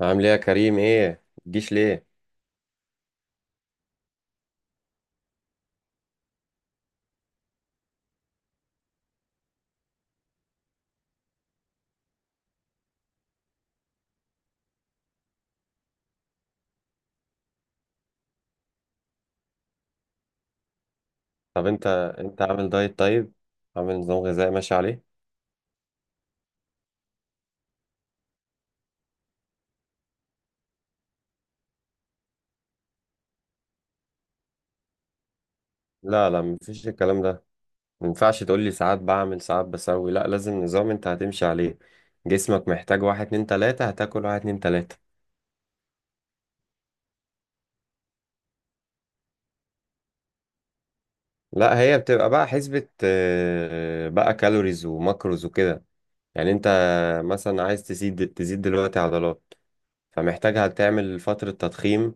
عامل ايه يا كريم، ايه متجيش ليه؟ طب انت عامل دايت؟ طيب، عامل نظام غذائي ماشي عليه. لا لا، مفيش الكلام ده. مينفعش تقول لي ساعات بعمل ساعات بسوي، لا لازم نظام انت هتمشي عليه. جسمك محتاج واحد اتنين تلاتة هتاكل واحد اتنين تلاتة. لا، هي بتبقى بقى حسبة بقى كالوريز وماكروز وكده. يعني انت مثلا عايز تزيد دلوقتي عضلات، فمحتاج هتعمل فترة تضخيم.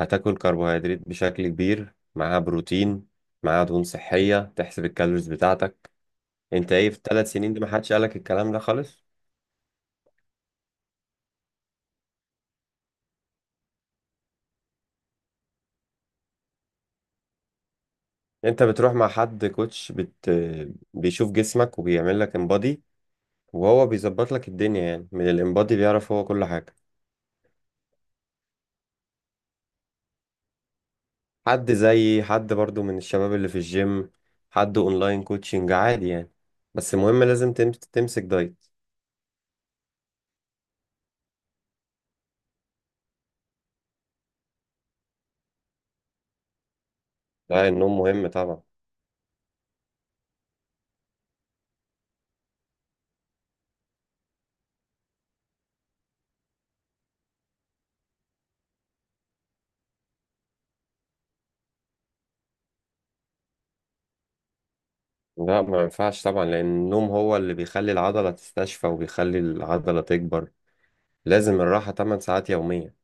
هتاكل كربوهيدرات بشكل كبير، معاها بروتين، معاها دهون صحية، تحسب الكالوريز بتاعتك. انت ايه في الثلاث سنين دي ما حدش قالك الكلام ده خالص؟ انت بتروح مع حد كوتش. بيشوف جسمك وبيعمل لك امبادي، وهو بيظبط لك الدنيا، يعني من الامبادي بيعرف هو كل حاجة. حد زيي، حد برضو من الشباب اللي في الجيم، حد اونلاين كوتشنج عادي يعني. بس المهم لازم تمسك دايت. ده النوم مهم طبعا. لا، ما ينفعش طبعا، لأن النوم هو اللي بيخلي العضلة تستشفى وبيخلي العضلة تكبر. لازم الراحة 8 ساعات يومية.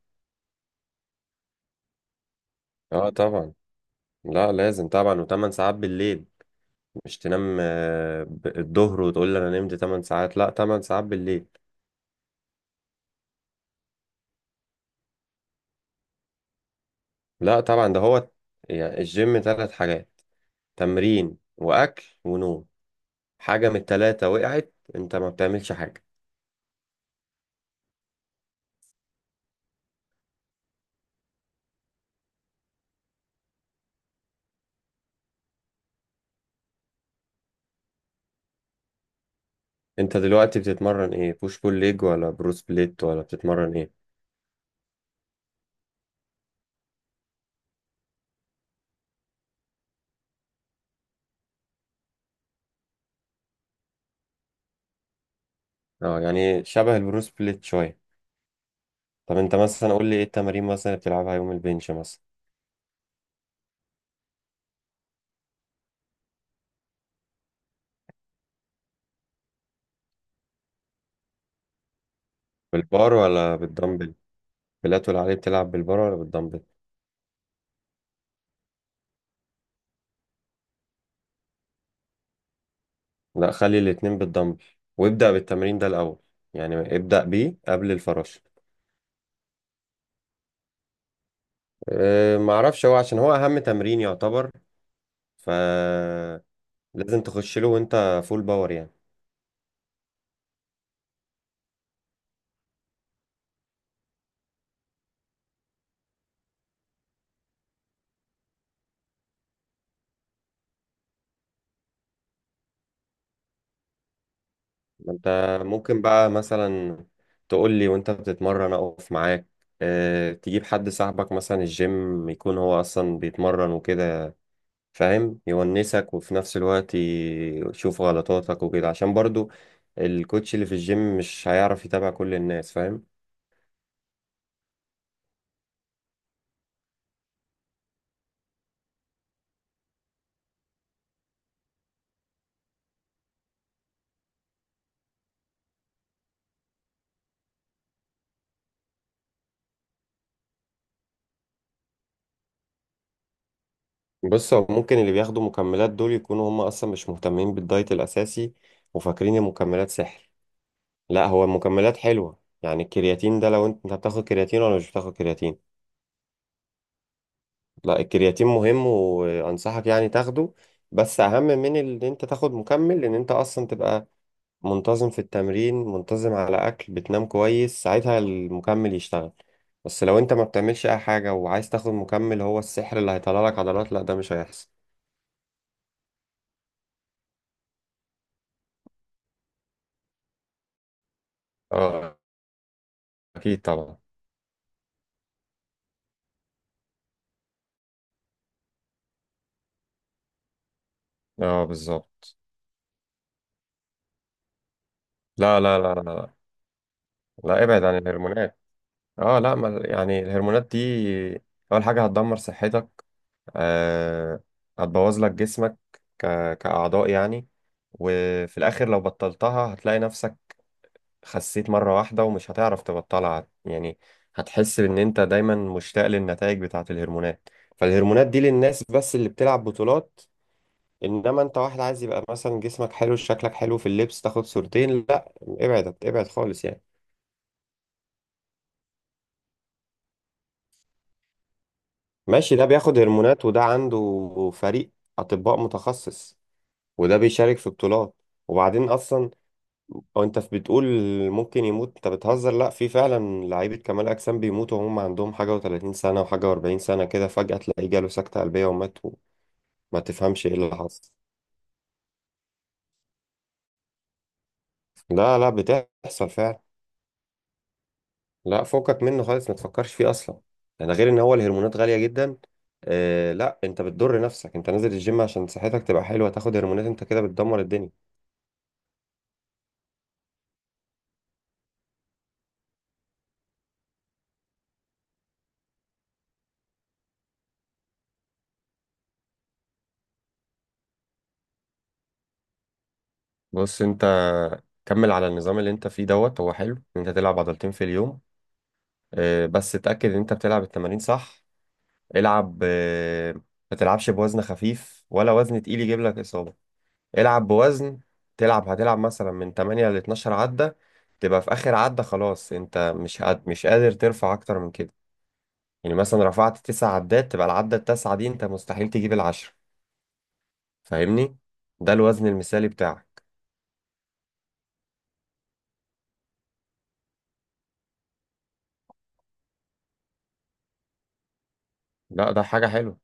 اه طبعا، لا لازم طبعا، و8 ساعات بالليل. مش تنام الظهر وتقول لي أنا نمت 8 ساعات، لا 8 ساعات بالليل. لا طبعا، ده هو، يعني الجيم 3 حاجات: تمرين وأكل ونوم. حاجة من التلاتة وقعت أنت ما بتعملش حاجة. أنت دلوقتي بتتمرن إيه، بوش بول ليج ولا بروس بليت ولا بتتمرن إيه؟ اه، يعني شبه البروس بليت شوية. طب انت مثلا قول لي ايه التمارين مثلا اللي بتلعبها يوم البنش مثلا؟ بالبار ولا بالدمبل؟ بلاتول عليه، بتلعب بالبار ولا بالدمبل؟ لا، خلي الاتنين بالدمبل، وابدأ بالتمرين ده الأول، يعني ابدأ بيه قبل الفراشة. اه معرفش، هو عشان هو أهم تمرين يعتبر، فلازم تخش له وانت فول باور يعني. ما انت ممكن بقى مثلا تقول لي وانت بتتمرن اقف معاك. اه، تجيب حد صاحبك مثلا الجيم، يكون هو اصلا بيتمرن وكده، فاهم، يونسك وفي نفس الوقت يشوف غلطاتك وكده، عشان برضو الكوتش اللي في الجيم مش هيعرف يتابع كل الناس، فاهم. بص، هو ممكن اللي بياخدوا مكملات دول يكونوا هم اصلا مش مهتمين بالدايت الاساسي، وفاكرين المكملات سحر. لا، هو المكملات حلوة، يعني الكرياتين ده، لو انت بتاخد كرياتين ولا مش بتاخد كرياتين؟ لا، الكرياتين مهم وانصحك يعني تاخده. بس اهم من ان انت تاخد مكمل ان انت اصلا تبقى منتظم في التمرين، منتظم على أكل، بتنام كويس، ساعتها المكمل يشتغل. بس لو أنت ما بتعملش أي حاجة وعايز تاخد مكمل هو السحر اللي هيطلع لك عضلات، لا ده مش هيحصل. اه اكيد طبعا. اه بالظبط. لا لا لا لا لا، لا، ابعد عن الهرمونات. اه لا، ما يعني الهرمونات دي اول حاجه هتدمر صحتك، آه، هتبوظ لك جسمك ك... كاعضاء يعني، وفي الاخر لو بطلتها هتلاقي نفسك خسيت مرة واحدة ومش هتعرف تبطلها يعني. هتحس إن أنت دايما مشتاق للنتائج بتاعة الهرمونات. فالهرمونات دي للناس بس اللي بتلعب بطولات، إنما أنت واحد عايز يبقى مثلا جسمك حلو، شكلك حلو في اللبس، تاخد صورتين، لا ابعد ابعد خالص يعني. ماشي، ده بياخد هرمونات وده عنده فريق أطباء متخصص، وده بيشارك في بطولات. وبعدين أصلا، او انت بتقول ممكن يموت، انت بتهزر؟ لا، في فعلا لعيبه كمال اجسام بيموتوا وهم عندهم حاجه و30 سنه وحاجه و40 سنه، كده فجاه تلاقيه جاله سكته قلبيه ومات وما تفهمش ايه اللي حصل. لا لا، بتحصل فعلا. لا فوقك منه خالص، ما تفكرش فيه اصلا. يعني غير ان هو الهرمونات غاليه جدا، آه، لا انت بتضر نفسك، انت نازل الجيم عشان صحتك تبقى حلوه، تاخد هرمونات انت كده بتدمر الدنيا. بص انت كمل على النظام اللي انت فيه دوت، هو حلو ان انت تلعب عضلتين في اليوم، بس اتأكد ان انت بتلعب التمارين صح. العب، ما تلعبش بوزن خفيف ولا وزن تقيل يجيب لك إصابة. العب بوزن تلعب، هتلعب مثلا من 8 ل 12 عدة، تبقى في آخر عدة خلاص أنت مش قادر ترفع أكتر من كده. يعني مثلا رفعت 9 عدات تبقى العدة التاسعة دي أنت مستحيل تجيب العشرة، فاهمني؟ ده الوزن المثالي بتاعك. لا ده حاجة حلوة.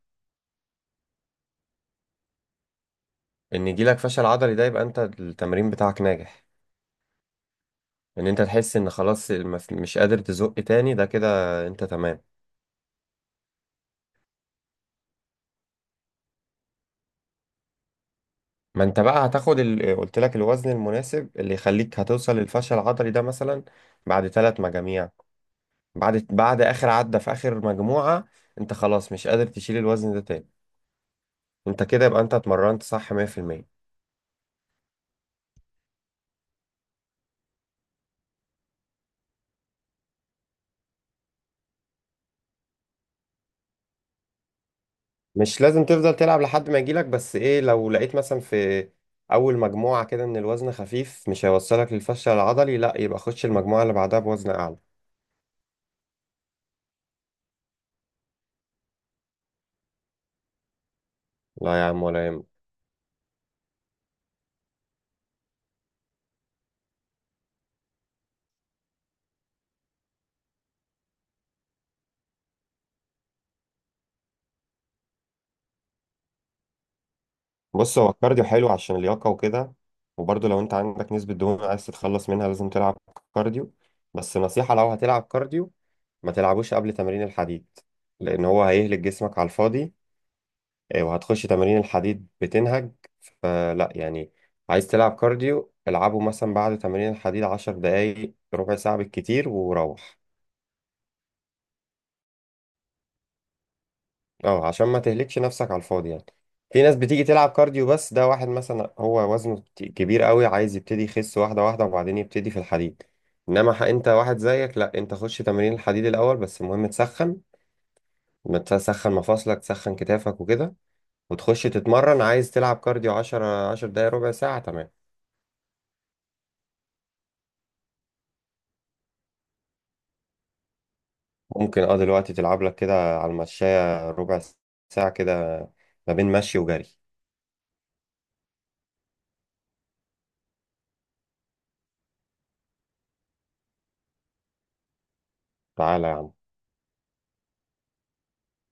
إن يجيلك فشل عضلي ده يبقى أنت التمرين بتاعك ناجح. إن أنت تحس إن خلاص مش قادر تزق تاني، ده كده أنت تمام. ما انت بقى هتاخد. قلت لك الوزن المناسب اللي يخليك هتوصل للفشل العضلي ده، مثلا بعد 3 مجاميع، بعد اخر عدة في اخر مجموعة انت خلاص مش قادر تشيل الوزن ده تاني، انت كده يبقى انت اتمرنت صح 100%. مش لازم تفضل تلعب لحد ما يجيلك، بس ايه، لو لقيت مثلا في اول مجموعة كده ان الوزن خفيف مش هيوصلك للفشل العضلي، لا يبقى خش المجموعة اللي بعدها بوزن اعلى. لا يا عم، ولا يهمك. بص، هو الكارديو حلو عشان اللياقة وكده، وبرضه لو انت عندك نسبة دهون عايز تتخلص منها لازم تلعب كارديو. بس نصيحة، لو هتلعب كارديو ما تلعبوش قبل تمارين الحديد، لأن هو هيهلك جسمك على الفاضي، وهتخش تمارين الحديد بتنهج، فلا يعني. عايز تلعب كارديو العبه مثلا بعد تمارين الحديد 10 دقايق ربع ساعة بالكتير وروح. اه عشان ما تهلكش نفسك على الفاضي يعني. في ناس بتيجي تلعب كارديو، بس ده واحد مثلا هو وزنه كبير قوي عايز يبتدي يخس واحدة واحدة وبعدين يبتدي في الحديد. انما انت واحد زيك لا، انت خش تمارين الحديد الاول، بس المهم تسخن. ما تسخن مفاصلك، تسخن كتافك وكده وتخش تتمرن. عايز تلعب كارديو 10 دقايق ربع ساعة تمام. ممكن اه، دلوقتي تلعب لك كده على المشاية ربع ساعة كده ما بين مشي وجري. تعالى يا عم.